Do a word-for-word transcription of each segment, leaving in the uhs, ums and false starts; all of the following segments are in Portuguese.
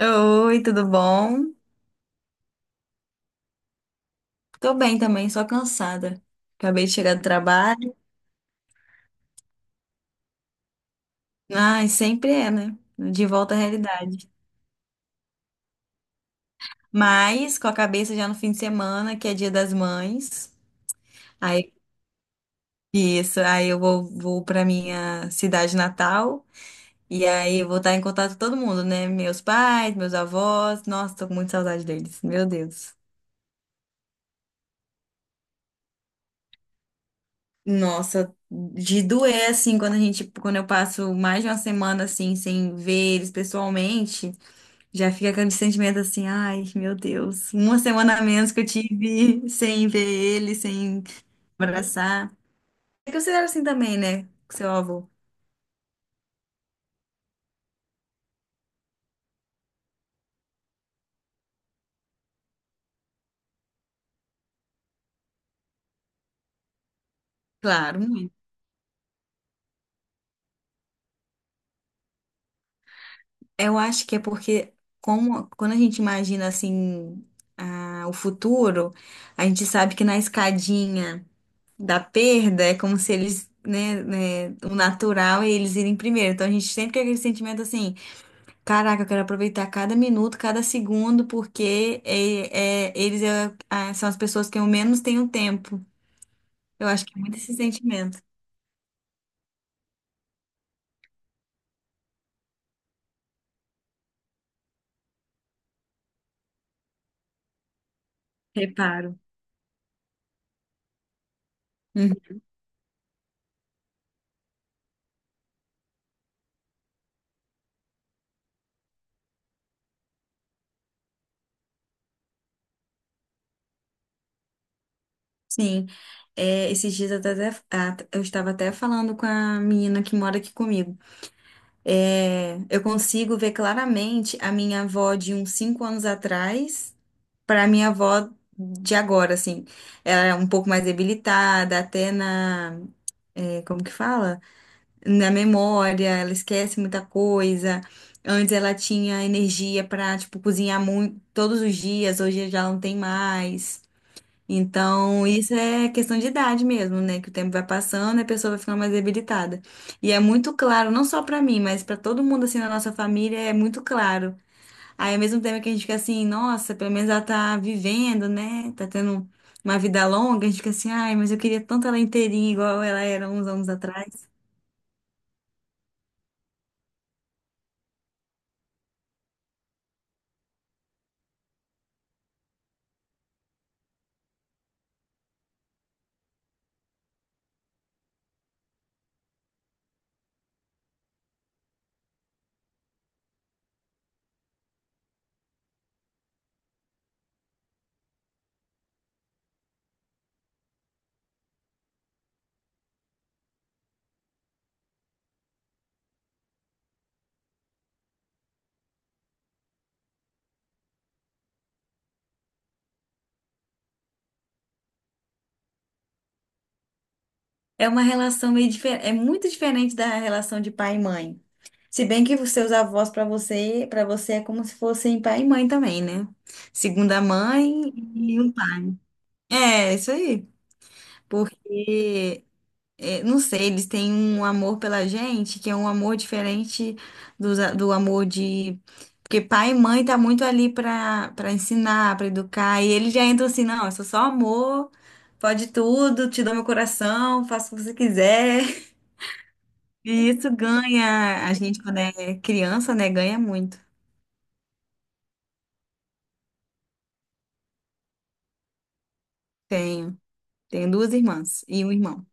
Oi, tudo bom? Tô bem também, só cansada. Acabei de chegar do trabalho. Ai, sempre é, né? De volta à realidade. Mas com a cabeça já no fim de semana, que é Dia das Mães. Aí, isso, aí eu vou, vou pra minha cidade natal. E aí eu vou estar em contato com todo mundo, né? Meus pais, meus avós. Nossa, tô com muita saudade deles. Meu Deus. Nossa, de doer assim quando a gente, quando eu passo mais de uma semana assim sem ver eles pessoalmente. Já fica aquele sentimento assim, ai, meu Deus, uma semana a menos que eu tive sem ver ele, sem abraçar. É que você era assim também, né, com seu avô? Claro, muito. Eu acho que é porque como, quando a gente imagina assim a- o futuro, a gente sabe que na escadinha da perda é como se eles, né, né, o natural é eles irem primeiro. Então a gente sempre tem aquele sentimento assim. Caraca, eu quero aproveitar cada minuto, cada segundo, porque é, é, eles é, ah, são as pessoas que eu menos tenho tempo. Eu acho que é muito esse sentimento. Reparo. Uhum. Sim. É, esses dias eu, até, ah, eu estava até falando com a menina que mora aqui comigo. É, eu consigo ver claramente a minha avó de uns cinco anos atrás para a minha avó de agora, assim. Ela é um pouco mais debilitada, até na. É, como que fala? Na memória, ela esquece muita coisa. Antes ela tinha energia para, tipo, cozinhar muito todos os dias, hoje já não tem mais. Então, isso é questão de idade mesmo, né? Que o tempo vai passando e a pessoa vai ficando mais debilitada. E é muito claro, não só para mim, mas para todo mundo assim na nossa família, é muito claro. Aí, ao mesmo tempo que a gente fica assim, nossa, pelo menos ela tá vivendo, né? Tá tendo uma vida longa, a gente fica assim, ai, mas eu queria tanto ela inteirinha igual ela era uns anos atrás. É uma relação meio diferente, é muito diferente da relação de pai e mãe. Se bem que os seus avós para você, para você é como se fossem pai e mãe também, né? Segunda mãe e um pai. É, isso aí. Porque, é, não sei, eles têm um amor pela gente que é um amor diferente dos a- do, amor de. Porque pai e mãe tá muito ali para para ensinar, para educar, e eles já entram assim, não, eu sou só amor, pode tudo, te dou meu coração, faço o que você quiser. E isso ganha, a gente quando é criança, né, ganha muito. Tenho, tenho duas irmãs e um irmão.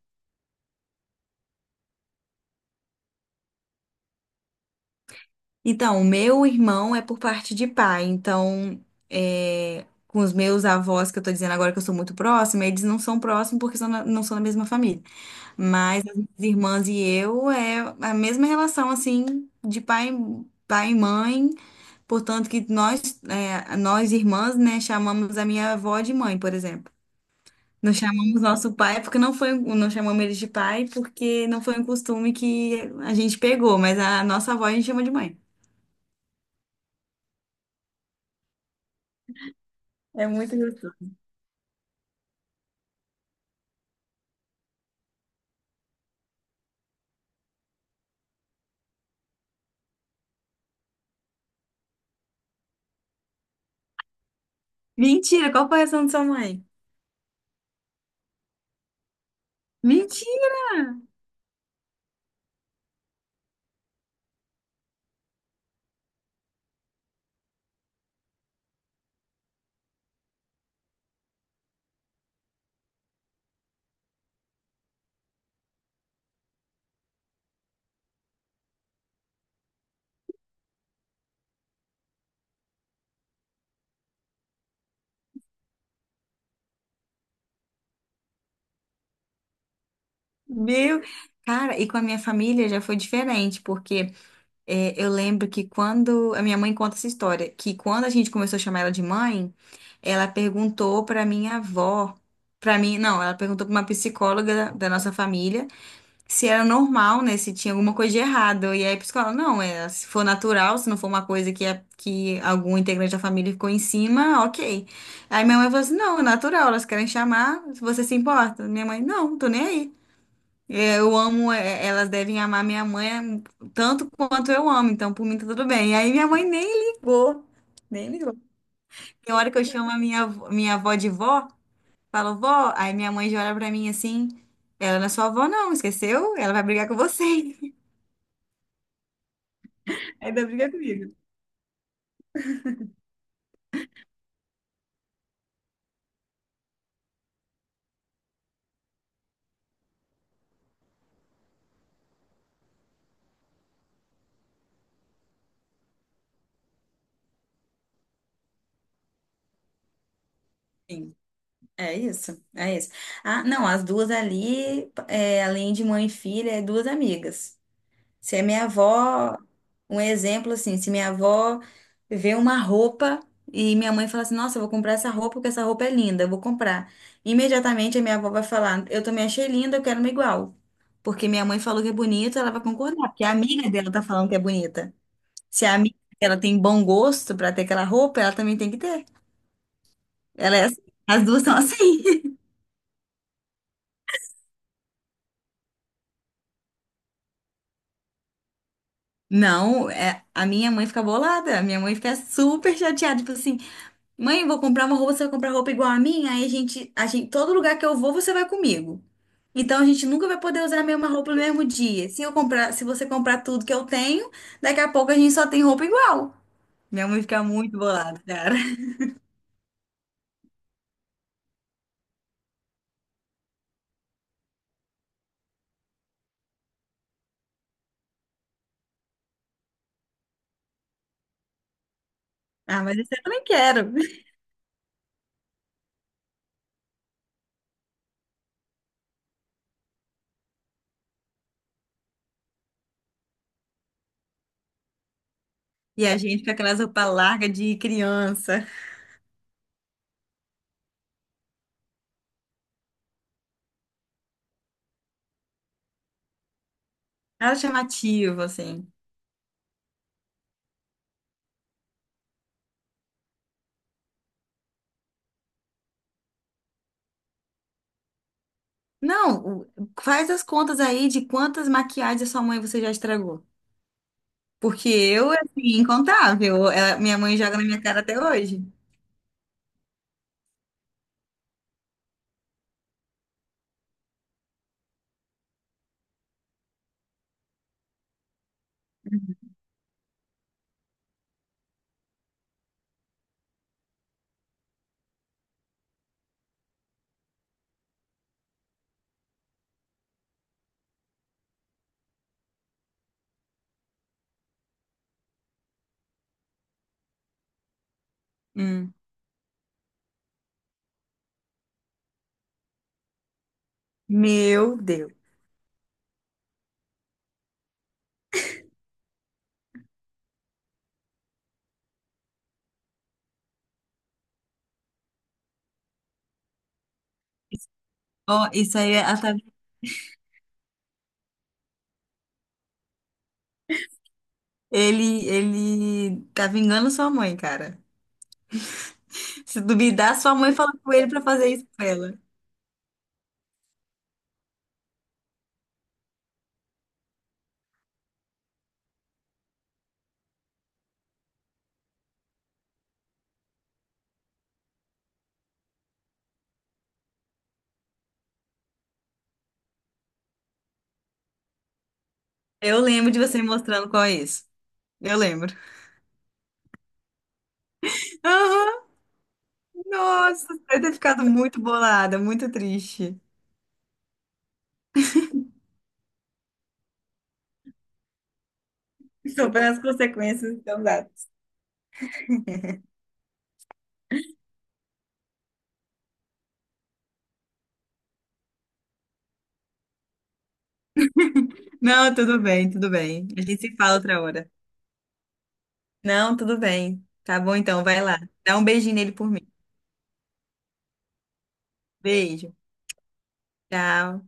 Então, o meu irmão é por parte de pai, então, é, com os meus avós, que eu tô dizendo agora que eu sou muito próxima, eles não são próximos porque são na- não são da mesma família. Mas as minhas irmãs e eu é a mesma relação, assim, de pai, pai e mãe, portanto que nós, é, nós irmãs, né, chamamos a minha avó de mãe, por exemplo. Não chamamos nosso pai porque não foi, não chamamos ele de pai porque não foi um costume que a gente pegou, mas a nossa avó a gente chama de mãe. É muito gostoso. Mentira, qual foi a reação da sua mãe? Mentira! Meu. Cara, e com a minha família já foi diferente, porque é, eu lembro que quando. A minha mãe conta essa história, que quando a gente começou a chamar ela de mãe, ela perguntou pra minha avó, pra mim, não, ela perguntou pra uma psicóloga da da nossa família. Se era normal, né? Se tinha alguma coisa de errado. E aí a psicóloga, não, é, se for natural, se não for uma coisa que, é, que algum integrante da família ficou em cima, ok. Aí minha mãe falou assim, não, é natural, elas querem chamar, se você se importa. Minha mãe, não, tô nem aí. É, eu amo, é, elas devem amar minha mãe hum, tanto quanto eu amo, então por mim tá tudo bem. Aí minha mãe nem ligou, nem ligou. Tem hora que eu chamo a minha, avó- minha avó de vó, falo vó, aí minha mãe já olha pra mim assim, ela não é sua avó não, esqueceu? Ela vai brigar com você. Ainda briga comigo. Sim, é isso, é isso. Ah, não, as duas ali, é, além de mãe e filha, é duas amigas. Se a minha avó, um exemplo assim, se minha avó vê uma roupa e minha mãe fala assim, nossa, eu vou comprar essa roupa porque essa roupa é linda, eu vou comprar. Imediatamente a minha avó vai falar, eu também achei linda, eu quero uma igual. Porque minha mãe falou que é bonita, ela vai concordar, porque a amiga dela tá falando que é bonita. Se a amiga dela tem bom gosto para ter aquela roupa, ela também tem que ter. Ela é assim. As duas são assim. Não, é, a minha mãe fica bolada. A minha mãe fica super chateada. Tipo assim, mãe, vou comprar uma roupa, você vai comprar roupa igual a minha? Aí a gente, a gente, todo lugar que eu vou, você vai comigo. Então a gente nunca vai poder usar a mesma roupa no mesmo dia. Se eu comprar, se você comprar tudo que eu tenho, daqui a pouco a gente só tem roupa igual. Minha mãe fica muito bolada, cara. Ah, mas isso eu também quero. E a gente com aquelas roupas largas de criança. Nada chamativo, assim. Não, o- faz as contas aí de quantas maquiagens sua mãe você já estragou. Porque eu, assim, incontável. Ela- minha mãe joga na minha cara até hoje. Hum. Meu Deus. Ó, isso aí, ela tá- ele, ele tá vingando sua mãe, cara. Se duvidar, sua mãe falou com ele pra fazer isso com ela. Eu lembro de você me mostrando qual é isso. Eu lembro. Aham, nossa, você deve ter ficado muito bolada, muito triste. Sobre as consequências então dá. Não, tudo bem, tudo bem. A gente se fala outra hora. Não, tudo bem. Tá bom então, vai lá. Dá um beijinho nele por mim. Beijo. Tchau.